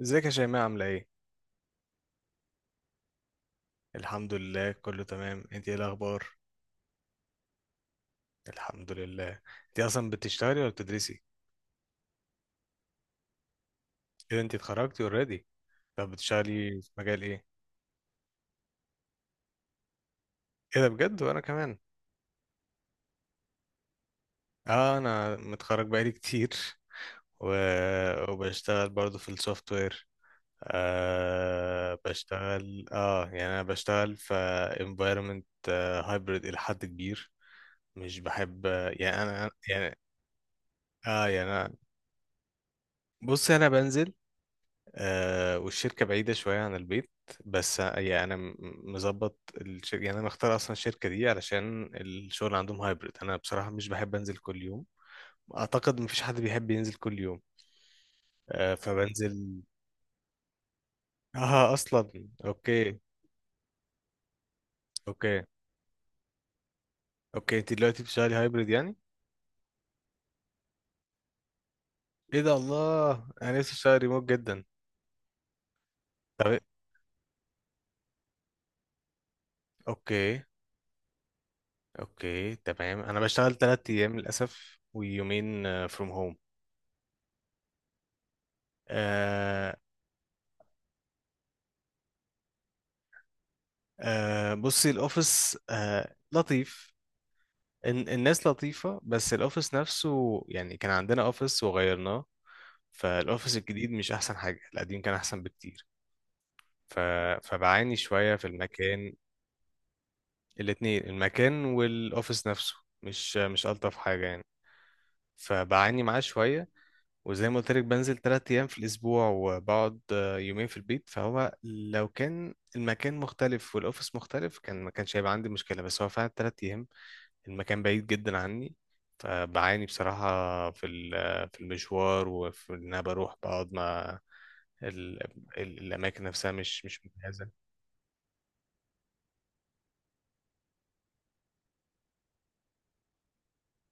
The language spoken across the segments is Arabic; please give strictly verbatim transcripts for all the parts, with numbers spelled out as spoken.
ازيك يا شيماء عاملة ايه؟ الحمد لله، كله تمام. انت ايه الأخبار؟ الحمد لله. انت أصلا بتشتغلي ولا بتدرسي؟ ايه ده، انت اتخرجتي اوريدي. طب بتشتغلي في مجال ايه؟ ايه ده بجد؟ وانا كمان. اه انا متخرج بقالي كتير و... وبشتغل برضو في السوفت وير. آه بشتغل اه يعني انا بشتغل في environment آه hybrid إلى حد كبير. مش بحب، يعني انا يعني اه يعني أنا- بص، انا بنزل. آه، والشركة بعيدة شوية عن البيت، بس يعني أنا م- مظبط الشركة. يعني أنا مختار أصلا الشركة دي علشان الشغل عندهم هايبرد. أنا بصراحة مش بحب أنزل كل يوم، أعتقد مفيش حد بيحب ينزل كل يوم. آه فبنزل. آه أصلا أوكي. أوكي. أوكي، أنت دلوقتي بتشتغلي هايبرد يعني؟ إيه ده، الله، أنا نفسي أشتغل ريموت جدا. طب إيه؟ أوكي. أوكي تمام، أنا بشتغل تلات أيام للأسف ويومين فروم هوم. آه بصي، الاوفيس آه لطيف. ال- الناس لطيفة بس الاوفيس نفسه، يعني كان عندنا اوفيس وغيرناه، فالاوفيس الجديد مش احسن حاجة، القديم كان احسن بكتير. ف... فبعاني شوية في المكان. الاتنين، المكان والاوفيس نفسه، مش مش الطف حاجة يعني. فبعاني معاه شوية. وزي ما قلت لك بنزل تلات أيام في الأسبوع، وبقعد آه، يومين في البيت. فهو لو كان المكان مختلف والأوفيس مختلف، كان ما كانش هيبقى عندي مشكلة، بس هو فعلا تلات أيام. المكان بعيد جدا عني، فبعاني بصراحة في ال- في المشوار، وفي إن أنا بروح بقعد مع ال- ال- الأماكن نفسها، مش مش مجهزة.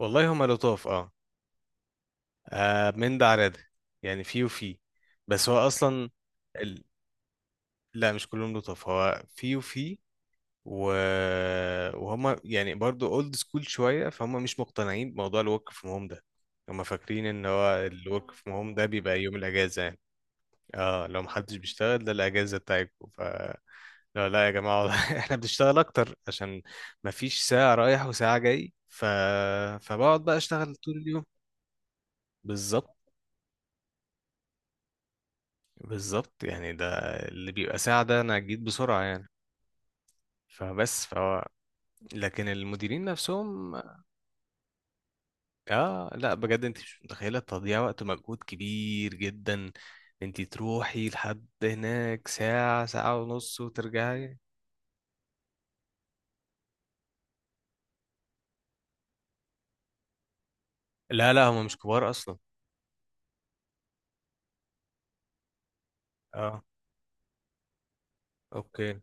والله هما لطاف، اه. آه، من ده على ده، يعني في وفي، بس هو أصلا ال... لا، مش كلهم لطاف، هو في وفي. و... وهما يعني برضو اولد سكول شوية، فهم مش مقتنعين بموضوع الورك فروم هوم ده. هما فاكرين ان هو الورك فروم هوم ده بيبقى يوم الأجازة يعني. اه، لو محدش بيشتغل ده الاجازه بتاعتكم ف لا لا يا جماعه والله، احنا بنشتغل اكتر عشان مفيش ساعه رايح وساعه جاي. ف فبقعد بقى اشتغل طول اليوم. بالظبط. بالظبط يعني، ده اللي بيبقى ساعه ده انا جيت بسرعه يعني. فبس فهو، لكن المديرين نفسهم. اه لا بجد، انت مش متخيله، تضييع وقت ومجهود كبير جدا. انت تروحي لحد هناك ساعه، ساعه ونص، وترجعي. لا لا، هم مش كبار اصلا. اه. اوكي.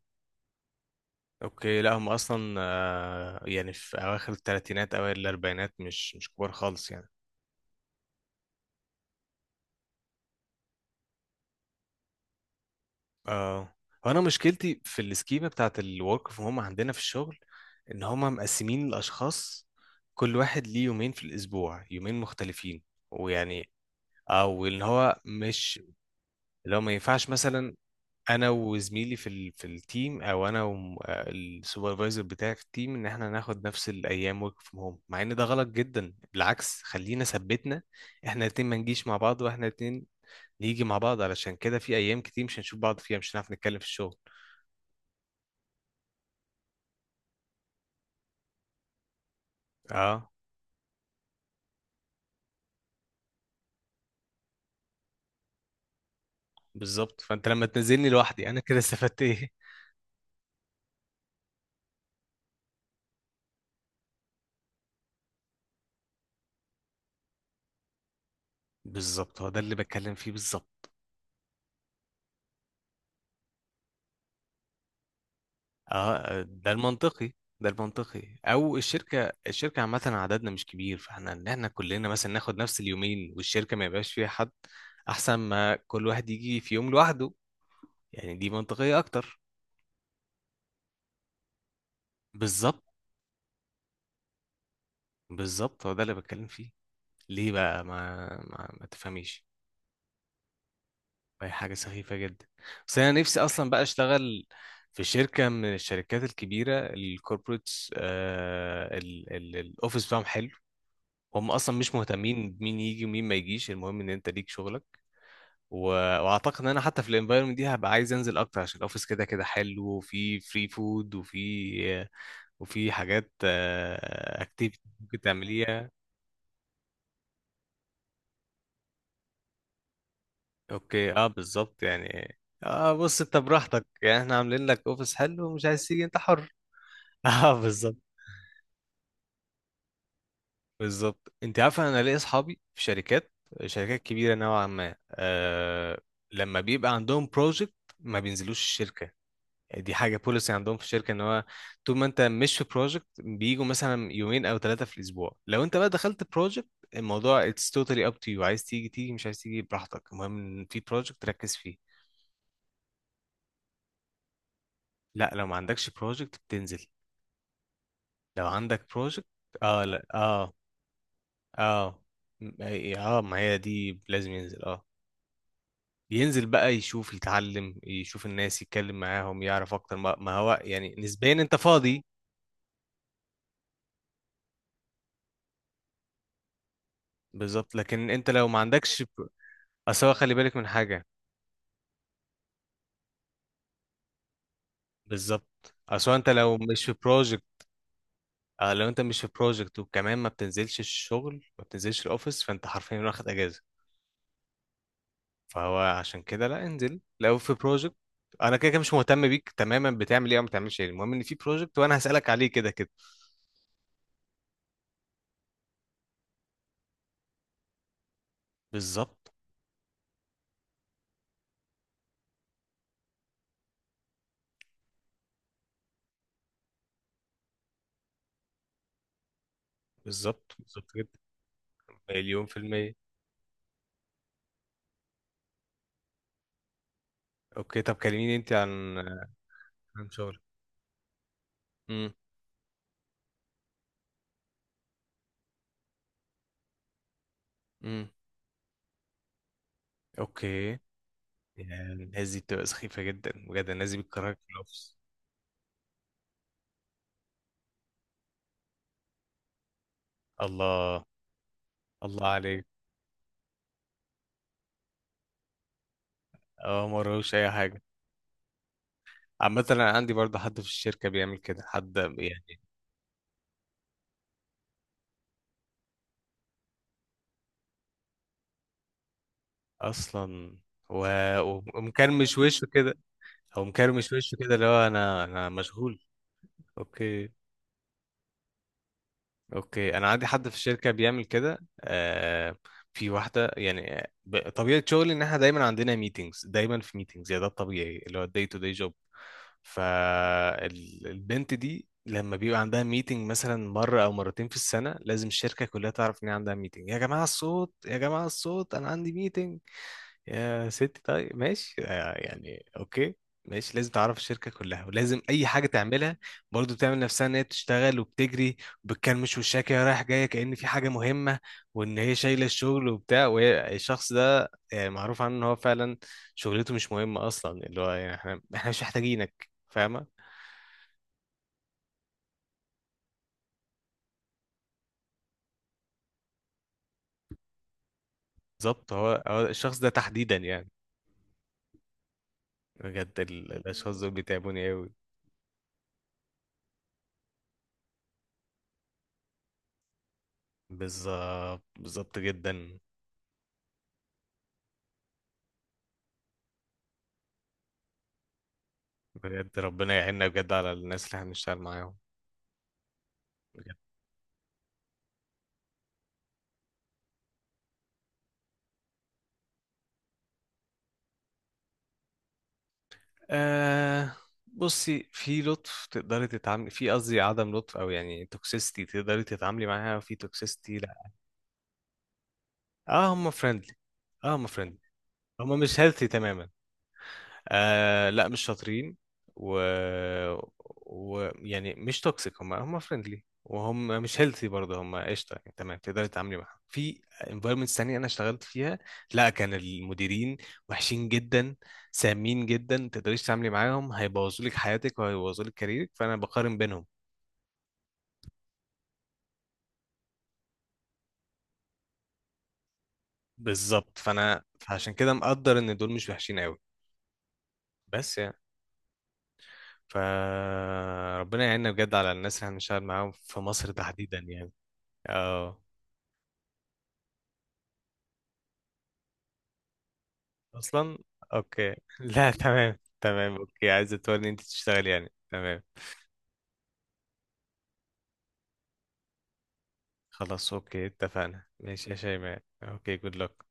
اوكي، لا هم اصلا آه، يعني في اواخر الثلاثينات اوائل الاربعينات، مش مش كبار خالص يعني. اه. وانا مشكلتي في السكيمه بتاعت الورك فروم هم عندنا في الشغل، ان هم مقسمين الاشخاص، كل واحد ليه يومين في الاسبوع، يومين مختلفين، ويعني، او ان هو مش، لو ما ينفعش مثلا انا وزميلي في ال... في التيم، او انا والسوبرفايزر بتاعي في التيم، ان احنا ناخد نفس الايام ورك فروم هوم. مع ان ده غلط جدا بالعكس، خلينا ثبتنا احنا الاتنين ما نجيش مع بعض، واحنا الاتنين نيجي مع بعض، علشان كده في ايام كتير مش هنشوف بعض فيها، مش هنعرف نتكلم في الشغل. اه بالظبط، فانت لما تنزلني لوحدي انا كده استفدت ايه؟ بالظبط هو ده اللي بتكلم فيه بالظبط. اه آه، ده المنطقي. ده المنطقي، او الشركه، الشركه عامه عددنا مش كبير، فاحنا ان احنا كلنا مثلا ناخد نفس اليومين والشركه ما يبقاش فيها حد، احسن ما كل واحد يجي في يوم لوحده. يعني دي منطقيه اكتر. بالظبط. بالظبط هو ده اللي بتكلم فيه. ليه بقى ما ما, ما تفهميش؟ هي حاجه سخيفه جدا. بس انا نفسي اصلا بقى اشتغل في شركه من الشركات الكبيره، الكوربوريتس، الاوفيس بتاعهم حلو. هم اصلا مش مهتمين بمين يجي ومين ما يجيش، المهم ان انت ليك شغلك. و... واعتقد ان انا حتى في الانفايرمنت دي هبقى عايز انزل اكتر، عشان الاوفيس كده كده حلو، وفي فري فود، وفي وفي حاجات اكتيفيتي ممكن تعمليها. اوكي اه بالظبط يعني. اه بص، انت براحتك يعني، احنا عاملين لك اوفيس حلو ومش عايز تيجي، انت حر. اه بالظبط. بالظبط، انت عارفه، انا ليا اصحابي في شركات، شركات كبيره نوعا ما آه، لما بيبقى عندهم بروجكت ما بينزلوش الشركه. دي حاجة بوليسي عندهم في الشركة، ان هو طول ما انت مش في بروجكت بيجوا مثلا يومين او ثلاثة في الاسبوع، لو انت بقى دخلت بروجكت الموضوع it's totally up to you، عايز تيجي تيجي، مش عايز تيجي براحتك، المهم ان في بروجكت تركز فيه. لا لو ما عندكش بروجكت بتنزل، لو عندك بروجكت. اه لا اه. اه م- أي- اه ما هي دي لازم ينزل اه. ينزل بقى يشوف، يتعلم، يشوف الناس، يتكلم معاهم، يعرف اكتر، ما ما هو يعني نسبيا انت فاضي. بالظبط. لكن انت لو ما عندكش ب- اصل هو خلي بالك من حاجة. بالظبط اصل انت لو مش في بروجكت، آه لو انت مش في بروجكت وكمان ما بتنزلش الشغل، ما بتنزلش الاوفيس، فانت حرفيا واخد اجازه. فهو عشان كده لا، انزل لو في بروجكت، انا كده كده مش مهتم بيك تماما بتعمل ايه او ما بتعملش ايه، المهم ان في بروجكت وانا هسالك عليه كده كده. بالظبط. بالظبط بالظبط جدا. مليون في الميه. اوكي طب كلميني انت عن عن شغلك. امم. امم. اوكي. يعني الناس دي بتبقى سخيفه جدا بجد، الناس دي بتكرهك في الاوفيس. الله. الله عليك. اه ما وراهوش اي حاجه. عامة أنا عندي برضه حد في الشركة بيعمل كده، حد يعني، أصلا. و... و- ومكرمش وشه كده، أو مكرمش وشه كده اللي هو أنا أنا مشغول. أوكي. أوكي أنا عندي حد في الشركة بيعمل كده. آه، في واحدة يعني ب... طبيعة شغلي إن إحنا دايما عندنا ميتينجز، دايما في ميتينجز، يعني ده الطبيعي، اللي هو الداي تو داي جوب. فالبنت دي لما بيبقى عندها ميتنج مثلا مرة أو مرتين في السنة لازم الشركة كلها تعرف إن هي عندها ميتنج. يا جماعة الصوت، يا جماعة الصوت، أنا عندي ميتنج. يا ستي طيب ماشي آه، يعني اوكي. ماشي، لازم تعرف الشركة كلها، ولازم أي حاجة تعملها برضو تعمل نفسها إن هي بتشتغل وبتجري وبتكلمش وشها كده رايح جاية كأن في حاجة مهمة، وإن هي شايلة الشغل وبتاع، وهي الشخص ده آه، معروف عنه إن هو فعلا شغلته مش مهمة أصلا، اللي هو يعني إحنا إحنا مش محتاجينك فاهمة. بالظبط، هو هو الشخص ده تحديدا يعني. بجد ال- الأشخاص دول بيتعبوني أوي. بالظبط. بالظبط جدا. بجد ربنا يعيننا بجد على الناس اللي احنا بنشتغل معاهم. آه بصي، في لطف تقدري تتعاملي، في قصدي عدم لطف او يعني توكسيستي تقدري تتعاملي معاها، وفي توكسيستي لا. اه هم فريندلي. اه هم فريندلي، هم مش هيلثي تماما. آه لا مش شاطرين. و... و يعني مش توكسيك، هم هم فريندلي وهم مش هيلثي برضه، هم قشطه يعني تمام، تقدري تتعاملي معاهم. في انفايرمنتس تانية انا اشتغلت فيها، لا كان المديرين وحشين جدا، سامين جدا، ما تقدريش تتعاملي معاهم، هيبوظوا لك حياتك وهيبوظوا لك كاريرك، فانا بقارن بينهم. بالظبط، فانا فعشان كده مقدر ان دول مش وحشين قوي. بس يعني فربنا يعيننا بجد على الناس اللي هنشتغل معاهم في مصر تحديدا يعني. اه. اصلا. اوكي لا تمام تمام اوكي، عايزه تورني انت تشتغل يعني، تمام. خلاص اوكي اتفقنا، ماشي يا شيماء اوكي، جود لك.